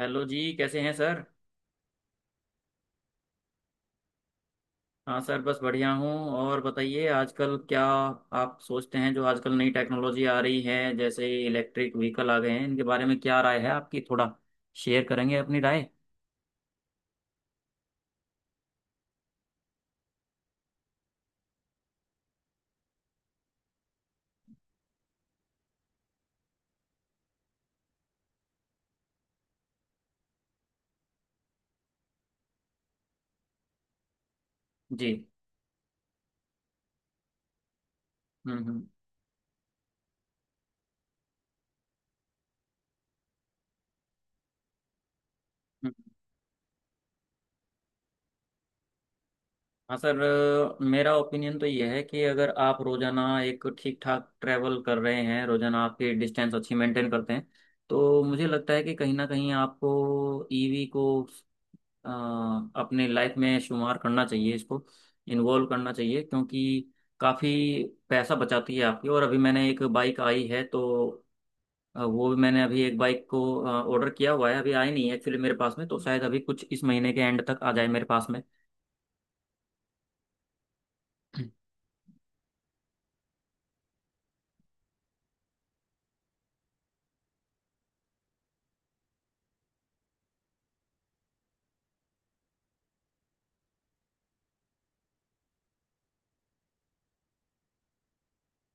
Hello जी, कैसे हैं सर। हाँ सर, बस बढ़िया हूँ। और बताइए आजकल क्या आप सोचते हैं जो आजकल नई टेक्नोलॉजी आ रही है, जैसे इलेक्ट्रिक व्हीकल आ गए हैं, इनके बारे में क्या राय है आपकी? थोड़ा शेयर करेंगे अपनी राय। जी। हम्म, हम्म, हम्म। हाँ सर, मेरा ओपिनियन तो ये है कि अगर आप रोज़ाना एक ठीक ठाक ट्रैवल कर रहे हैं, रोज़ाना आपकी डिस्टेंस अच्छी मेंटेन करते हैं, तो मुझे लगता है कि कहीं ना कहीं आपको ईवी को अ, अपने लाइफ में शुमार करना चाहिए, इसको इन्वॉल्व करना चाहिए, क्योंकि काफ़ी पैसा बचाती है आपकी। और अभी मैंने एक बाइक आई है, तो वो भी मैंने अभी एक बाइक को ऑर्डर किया हुआ है, अभी आई नहीं है एक्चुअली मेरे पास में, तो शायद अभी कुछ इस महीने के एंड तक आ जाए मेरे पास में। हम्म,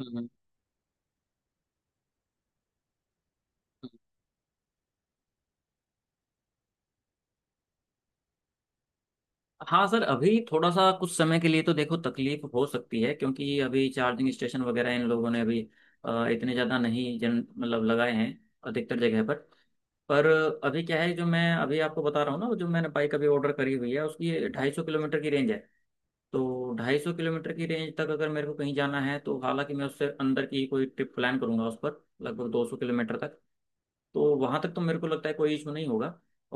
हम्म। हाँ सर, अभी थोड़ा सा कुछ समय के लिए तो देखो तकलीफ हो सकती है, क्योंकि अभी चार्जिंग स्टेशन वगैरह इन लोगों ने अभी इतने ज़्यादा नहीं जन मतलब लगाए हैं अधिकतर जगह पर। पर अभी क्या है जो मैं अभी आपको बता रहा हूँ ना, वो जो मैंने बाइक अभी ऑर्डर करी हुई है, उसकी 250 किलोमीटर की रेंज है। तो 250 किलोमीटर की रेंज तक अगर मेरे को कहीं जाना है, तो हालांकि मैं उससे अंदर की कोई ट्रिप प्लान करूंगा उस पर, लगभग 200 किलोमीटर तक। तो वहां तक तो मेरे को लगता है कोई इशू नहीं होगा।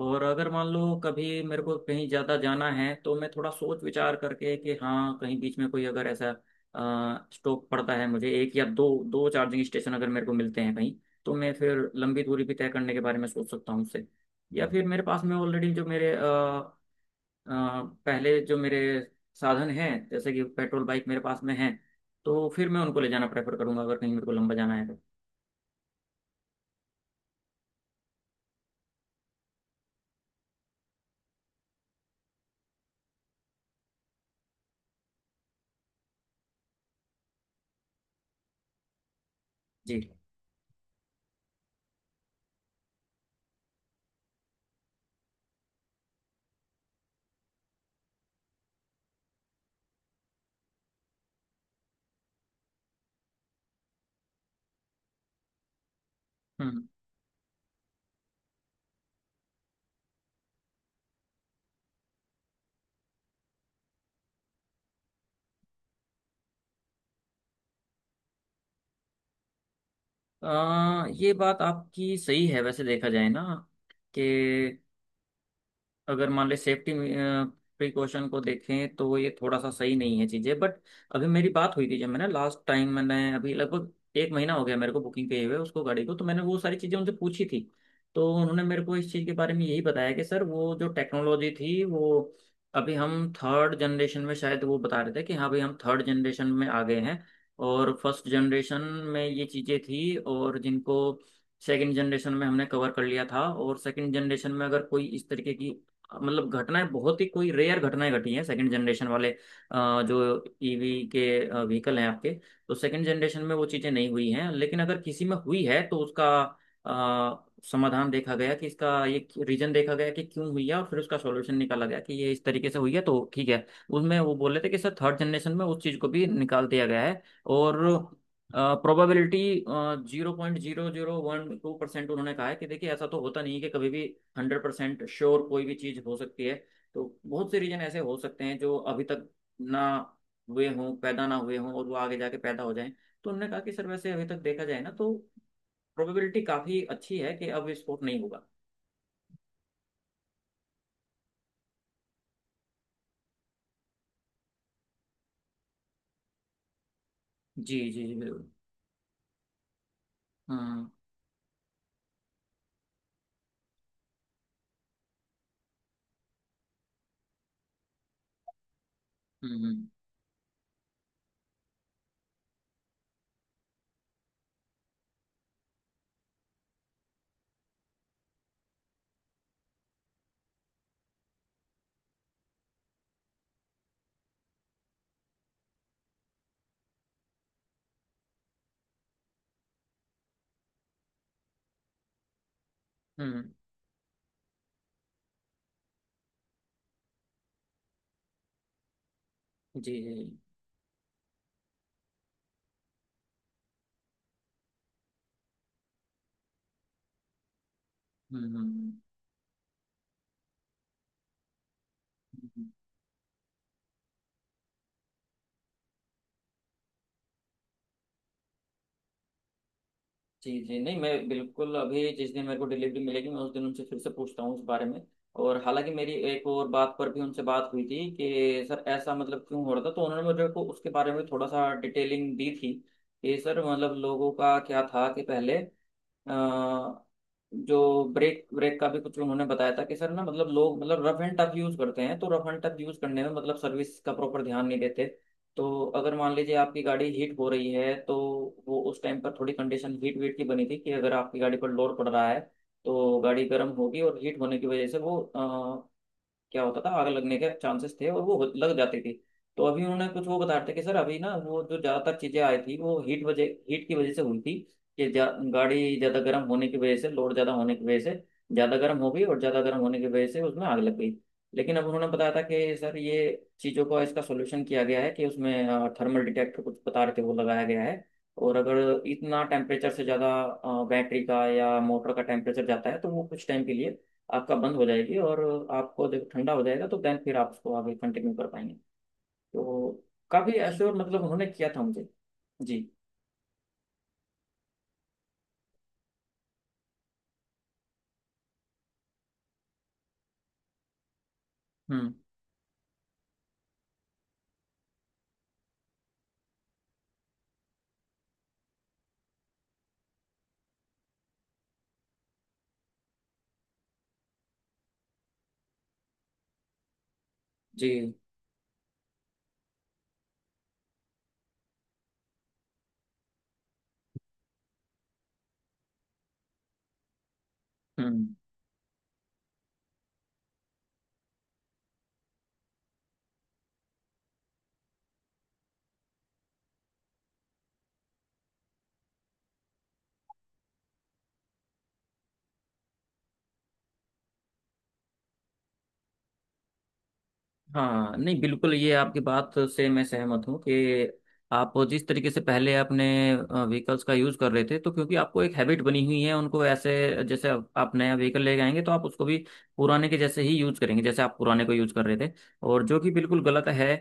और अगर मान लो कभी मेरे को कहीं ज्यादा जाना है, तो मैं थोड़ा सोच विचार करके कि हाँ, कहीं बीच में कोई अगर ऐसा स्टॉप पड़ता है, मुझे एक या दो दो चार्जिंग स्टेशन अगर मेरे को मिलते हैं कहीं, तो मैं फिर लंबी दूरी भी तय करने के बारे में सोच सकता हूँ उससे। या फिर मेरे पास में ऑलरेडी जो मेरे अ, पहले जो मेरे साधन हैं, जैसे कि पेट्रोल बाइक मेरे पास में है, तो फिर मैं उनको ले जाना प्रेफर करूंगा अगर कहीं मेरे को लंबा जाना है तो। जी। हम्म। ये बात आपकी सही है, वैसे देखा जाए ना, कि अगर मान ले सेफ्टी प्रिकॉशन को देखें तो ये थोड़ा सा सही नहीं है चीज़ें, बट अभी मेरी बात हुई थी जब मैंने लास्ट टाइम, मैंने अभी लगभग एक महीना हो गया मेरे को बुकिंग किए हुए उसको गाड़ी को, तो मैंने वो सारी चीज़ें उनसे पूछी थी। तो उन्होंने मेरे को इस चीज़ के बारे में यही बताया कि सर वो जो टेक्नोलॉजी थी, वो अभी हम थर्ड जनरेशन में, शायद वो बता रहे थे कि हाँ भाई हम थर्ड जनरेशन में आ गए हैं, और फर्स्ट जनरेशन में ये चीज़ें थी, और जिनको सेकंड जनरेशन में हमने कवर कर लिया था। और सेकंड जनरेशन में अगर कोई इस तरीके की मतलब घटनाएं, बहुत ही कोई रेयर घटनाएं घटी हैं सेकंड जनरेशन वाले जो ईवी के व्हीकल हैं आपके। तो सेकंड जनरेशन में वो चीज़ें नहीं हुई हैं, लेकिन अगर किसी में हुई है तो उसका समाधान देखा गया कि इसका ये रीजन देखा गया कि क्यों हुई है, और फिर उसका सॉल्यूशन निकाला गया कि ये इस तरीके से हुई है तो ठीक है। उसमें वो बोल रहे थे कि सर थर्ड जनरेशन में उस चीज़ को भी निकाल दिया गया है, और प्रोबेबिलिटी 0.012%। उन्होंने कहा है कि देखिए ऐसा तो होता नहीं है कि कभी भी 100% श्योर कोई भी चीज़ हो सकती है। तो बहुत से रीजन ऐसे हो सकते हैं जो अभी तक ना हुए हों, पैदा ना हुए हों, और वो आगे जाके पैदा हो जाएं। तो उन्होंने कहा कि सर वैसे अभी तक देखा जाए ना तो प्रोबेबिलिटी काफ़ी अच्छी है कि अब विस्फोट नहीं होगा। जी जी जी, बिल्कुल। हम्म, हम्म, हम्म। जी जी। हम्म, हम्म, हम्म। जी जी, नहीं मैं बिल्कुल, अभी जिस दिन मेरे को डिलीवरी मिलेगी, मैं उस दिन उनसे फिर से पूछता हूँ उस बारे में। और हालांकि मेरी एक और बात पर भी उनसे बात हुई थी कि सर ऐसा मतलब क्यों हो रहा था, तो उन्होंने मुझे को उसके बारे में थोड़ा सा डिटेलिंग दी थी कि सर मतलब लोगों का क्या था कि पहले अ, जो ब्रेक ब्रेक का भी कुछ उन्होंने बताया था कि सर ना, मतलब लोग मतलब रफ एंड टफ यूज करते हैं, तो रफ एंड टफ यूज करने में मतलब सर्विस का प्रॉपर ध्यान नहीं देते। तो अगर मान लीजिए आपकी गाड़ी हीट हो रही है, तो वो उस टाइम पर थोड़ी कंडीशन हीट वीट की बनी थी कि अगर आपकी गाड़ी पर लोड पड़ रहा है तो गाड़ी गर्म होगी, और हीट होने की वजह से वो क्या होता था, आग लगने के चांसेस थे, और वो लग जाती थी। तो अभी उन्होंने कुछ वो बता रहे थे कि सर अभी ना वो जो ज्यादातर चीजें आई थी वो हीट की वजह से हुई थी। कि गाड़ी ज्यादा गर्म होने की वजह से, लोड ज्यादा होने की वजह से ज्यादा गर्म हो गई, और ज्यादा गर्म होने की वजह से उसमें आग लग गई। लेकिन अब उन्होंने बताया था कि सर ये चीजों का इसका सोल्यूशन किया गया है कि उसमें थर्मल डिटेक्टर, कुछ बता रहे थे, वो लगाया गया है। और अगर इतना टेम्परेचर से ज्यादा बैटरी का या मोटर का टेम्परेचर जाता है, तो वो कुछ टाइम के लिए आपका बंद हो जाएगी, और आपको जब ठंडा हो जाएगा तो देन फिर आप उसको आगे कंटिन्यू कर पाएंगे। तो काफ़ी एश्योर मतलब उन्होंने किया था मुझे। जी। हम्म। जी। हम्म। हाँ, नहीं बिल्कुल, ये आपकी बात से मैं सहमत हूँ कि आप जिस तरीके से पहले अपने व्हीकल्स का यूज़ कर रहे थे, तो क्योंकि आपको एक हैबिट बनी हुई है उनको ऐसे, जैसे आप नया व्हीकल लेके आएंगे तो आप उसको भी पुराने के जैसे ही यूज़ करेंगे जैसे आप पुराने को यूज़ कर रहे थे, और जो कि बिल्कुल गलत है।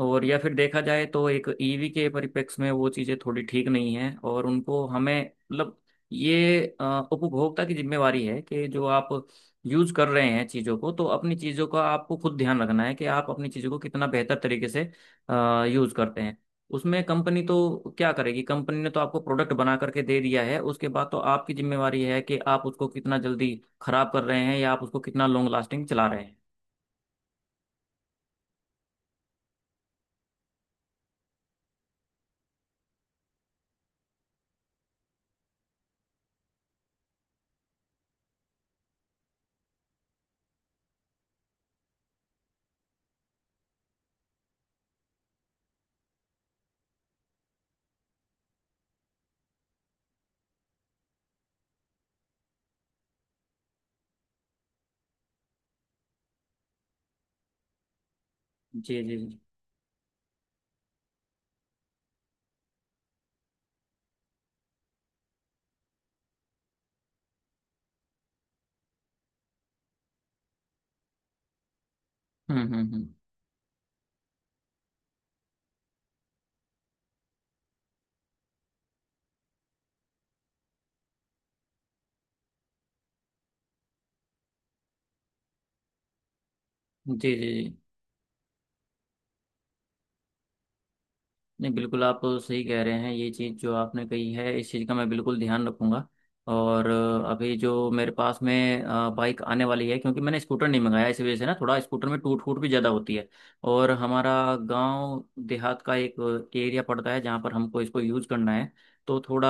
और या फिर देखा जाए तो एक ईवी के परिप्रेक्ष्य में वो चीज़ें थोड़ी ठीक नहीं हैं, और उनको हमें मतलब ये उपभोक्ता की जिम्मेवारी है कि जो आप यूज कर रहे हैं चीज़ों को, तो अपनी चीज़ों का आपको खुद ध्यान रखना है कि आप अपनी चीज़ों को कितना बेहतर तरीके से यूज करते हैं। उसमें कंपनी तो क्या करेगी, कंपनी ने तो आपको प्रोडक्ट बना करके दे दिया है, उसके बाद तो आपकी जिम्मेवारी है कि आप उसको कितना जल्दी खराब कर रहे हैं, या आप उसको कितना लॉन्ग लास्टिंग चला रहे हैं। जी जी जी। हम्म, हम्म, हम्म। जी जी जी, नहीं बिल्कुल आप सही कह रहे हैं, ये चीज़ जो आपने कही है इस चीज़ का मैं बिल्कुल ध्यान रखूंगा। और अभी जो मेरे पास में बाइक आने वाली है, क्योंकि मैंने स्कूटर नहीं मंगाया इस वजह से ना, थोड़ा स्कूटर में टूट फूट भी ज़्यादा होती है, और हमारा गांव देहात का एक एरिया पड़ता है जहाँ पर हमको इसको यूज करना है, तो थोड़ा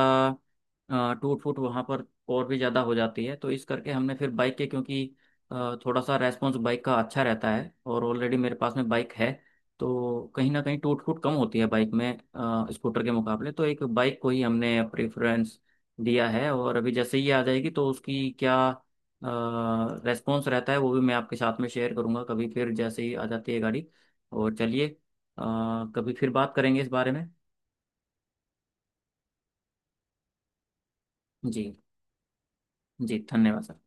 टूट फूट वहाँ पर और भी ज़्यादा हो जाती है, तो इस करके हमने फिर बाइक के, क्योंकि थोड़ा सा रेस्पॉन्स बाइक का अच्छा रहता है, और ऑलरेडी मेरे पास में बाइक है, तो कहीं ना कहीं टूट फूट कम होती है बाइक में स्कूटर के मुकाबले, तो एक बाइक को ही हमने प्रेफरेंस दिया है। और अभी जैसे ही आ जाएगी तो उसकी क्या रेस्पॉन्स रहता है वो भी मैं आपके साथ में शेयर करूंगा कभी फिर, जैसे ही आ जाती है गाड़ी। और चलिए कभी फिर बात करेंगे इस बारे में। जी जी, धन्यवाद सर।